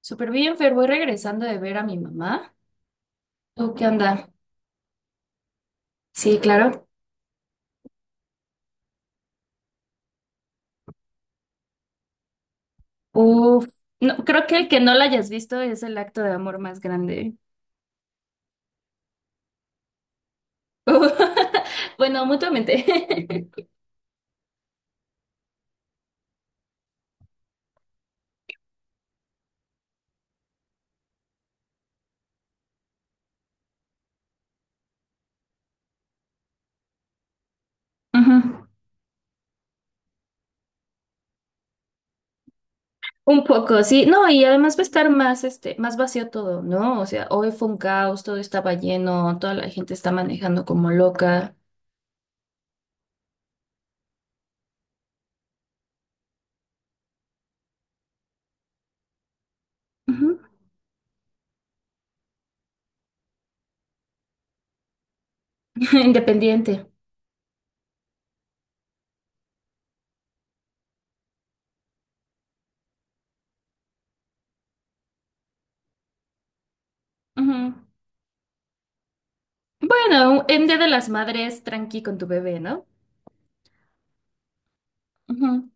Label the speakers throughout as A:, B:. A: Súper bien, Fer, voy regresando de ver a mi mamá. ¿Tú qué onda? Sí, claro. Uf, no, creo que el que no la hayas visto es el acto de amor más grande. Bueno, mutuamente. Ujú. Un poco, sí. No, y además va a estar más, más vacío todo, ¿no? O sea, hoy fue un caos, todo estaba lleno, toda la gente está manejando como loca. Ujú. Independiente. Ujú. Bueno, en Día de las Madres, tranqui con tu bebé, ¿no? Ujú.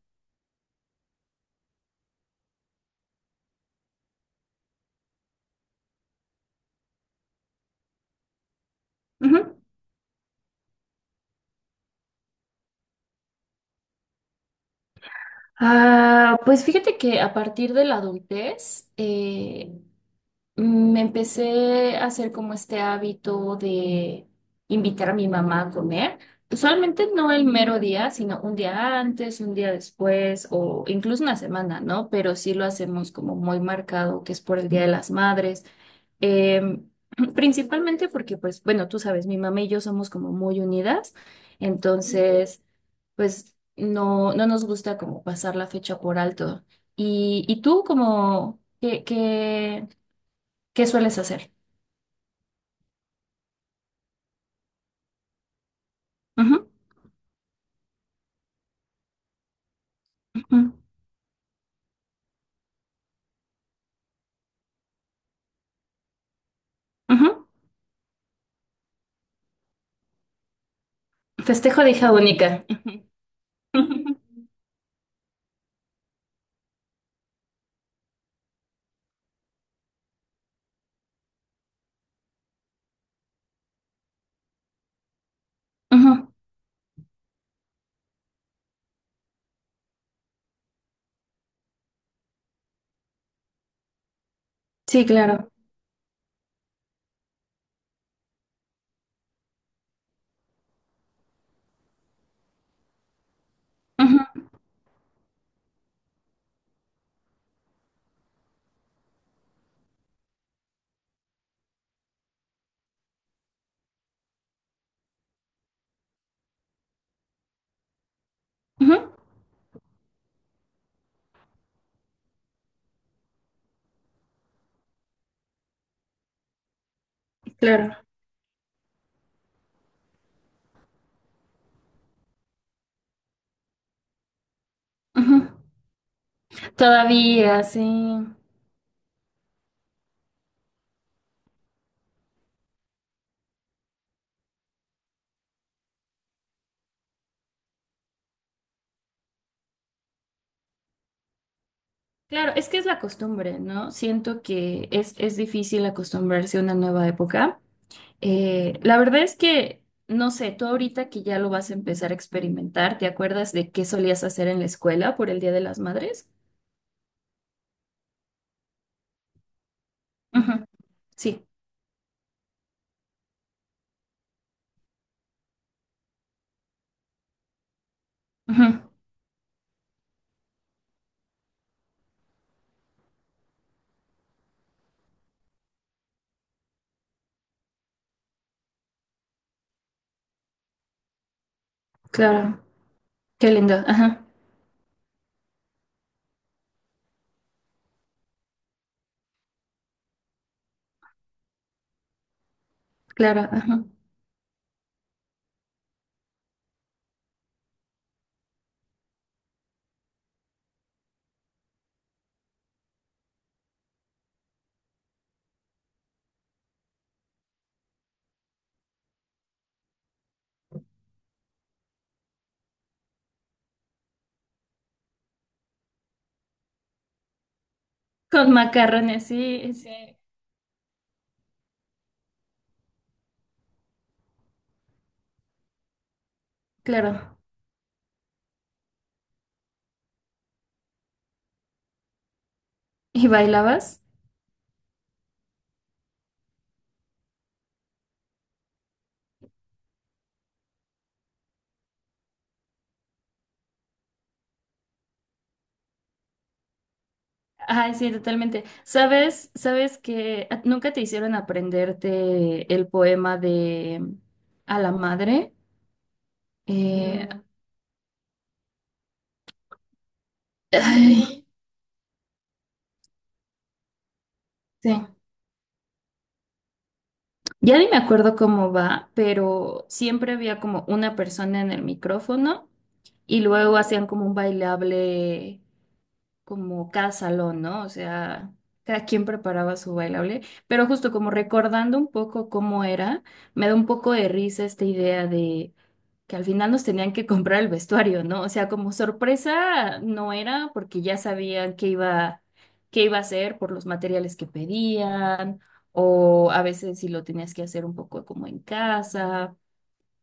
A: Ujú. Ah, pues fíjate que a partir de la adultez me empecé a hacer como este hábito de invitar a mi mamá a comer. Usualmente no el mero día, sino un día antes, un día después o incluso una semana, ¿no? Pero sí lo hacemos como muy marcado, que es por el Día de las Madres. Eh, principalmente porque, pues, bueno, tú sabes, mi mamá y yo somos como muy unidas, entonces, pues, no, no nos gusta como pasar la fecha por alto. ¿Y, y tú qué sueles hacer? Ujú, ujú, ujú. Festejo de hija única. Ujú, ujú, ujú. Sí, claro. Ujú, ujú. Claro. Ujú. Todavía, sí. Claro, es que es la costumbre, ¿no? Siento que es difícil acostumbrarse a una nueva época. La verdad es que, no sé, tú ahorita que ya lo vas a empezar a experimentar, ¿te acuerdas de qué solías hacer en la escuela por el Día de las Madres? Ujú. Sí, ujú, claro, qué lindo, ajá, claro, ajá. Con macarrones, sí, sí, claro. ¿Y bailabas? Ay, sí, totalmente. Sabes que a- nunca te hicieron aprenderte el poema de a la madre? No. Ay, sí. Ya ni me acuerdo cómo va, pero siempre había como una persona en el micrófono y luego hacían como un bailable como cada salón, ¿no? O sea, cada quien preparaba su bailable, pero justo como recordando un poco cómo era, me da un poco de risa esta idea de que al final nos tenían que comprar el vestuario, ¿no? O sea, como sorpresa no era porque ya sabían qué iba a hacer por los materiales que pedían, o a veces si lo tenías que hacer un poco como en casa.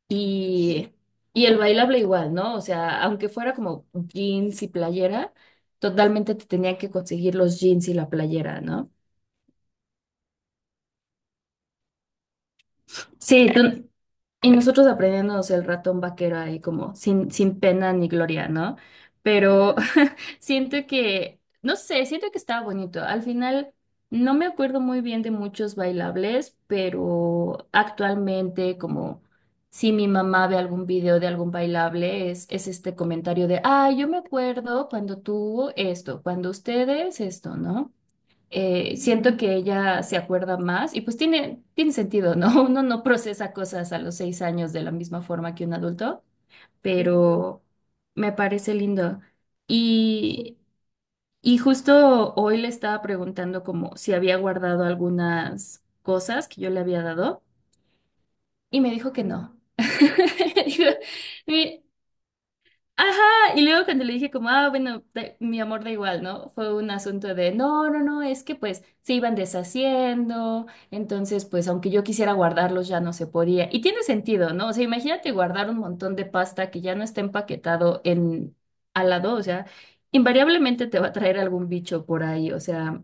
A: Y, y el bailable igual, ¿no? O sea, aunque fuera como jeans y playera, totalmente te tenían que conseguir los jeans y la playera, ¿no? Sí, tú- y nosotros aprendiéndonos el ratón vaquero ahí como sin pena ni gloria, ¿no? Pero siento que, no sé, siento que estaba bonito. Al final, no me acuerdo muy bien de muchos bailables, pero actualmente, como si mi mamá ve algún video de algún bailable, es este comentario de, ah, yo me acuerdo cuando tú esto, cuando ustedes esto, ¿no? Siento que ella se acuerda más y pues tiene sentido, ¿no? Uno no procesa cosas a los 6 años de la misma forma que un adulto, pero me parece lindo. Y, y justo hoy le estaba preguntando como si había guardado algunas cosas que yo le había dado y me dijo que no. Dijo, y- ajá, y luego cuando le dije como, ah, bueno, da- mi amor da igual, ¿no? Fue un asunto de, no, no, no, es que pues se iban deshaciendo, entonces pues aunque yo quisiera guardarlos ya no se podía. Y tiene sentido, ¿no? O sea, imagínate guardar un montón de pasta que ya no está empaquetado en al lado, o sea, invariablemente te va a traer algún bicho por ahí, o sea...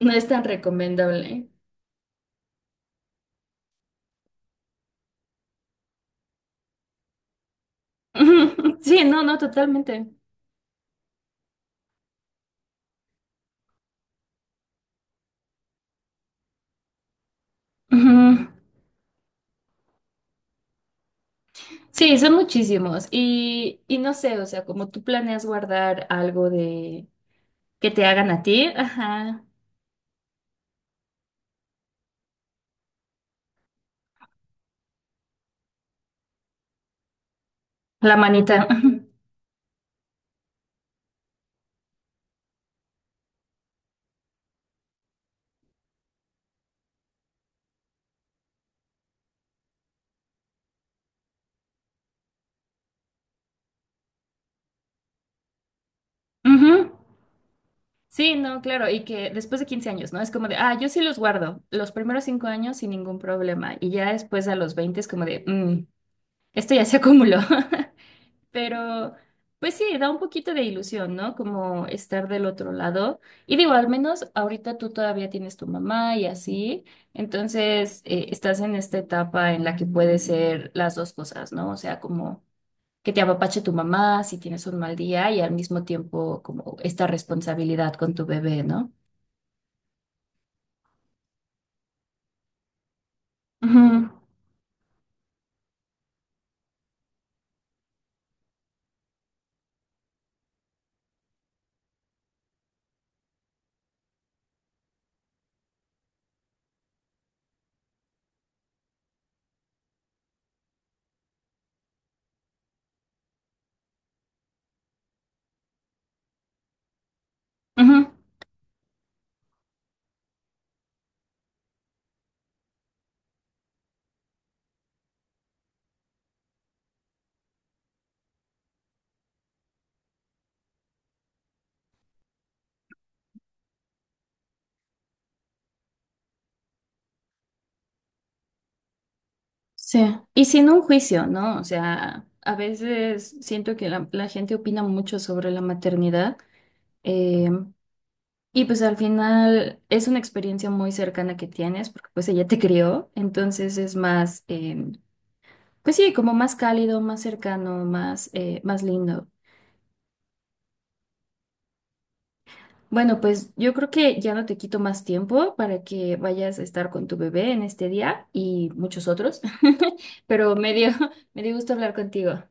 A: No es tan recomendable. Ujú. Sí, no, no, totalmente. Ujú. Sí, son muchísimos. Y no sé, o sea, como tú planeas guardar algo de que te hagan a ti, ajá, la manita. Ujú. Ujú. Sí, no, claro, y que después de 15 años, ¿no? Es como de, ah, yo sí los guardo los primeros 5 años sin ningún problema. Y ya después a los 20 es como de, mm, esto ya se acumuló. Pero, pues sí, da un poquito de ilusión, ¿no? Como estar del otro lado. Y digo, al menos ahorita tú todavía tienes tu mamá y así. Entonces, estás en esta etapa en la que puede ser las dos cosas, ¿no? O sea, como que te apapache tu mamá si tienes un mal día y al mismo tiempo como esta responsabilidad con tu bebé, ¿no? Ujú, ujú. Sí. Y sin un juicio, ¿no? O sea, a veces siento que la gente opina mucho sobre la maternidad, em, y pues al final es una experiencia muy cercana que tienes, porque pues ella te crió, entonces es más, pues sí, como más cálido, más cercano, más, más lindo. Bueno, pues yo creo que ya no te quito más tiempo para que vayas a estar con tu bebé en este día y muchos otros, pero me dio, me dio gusto hablar contigo.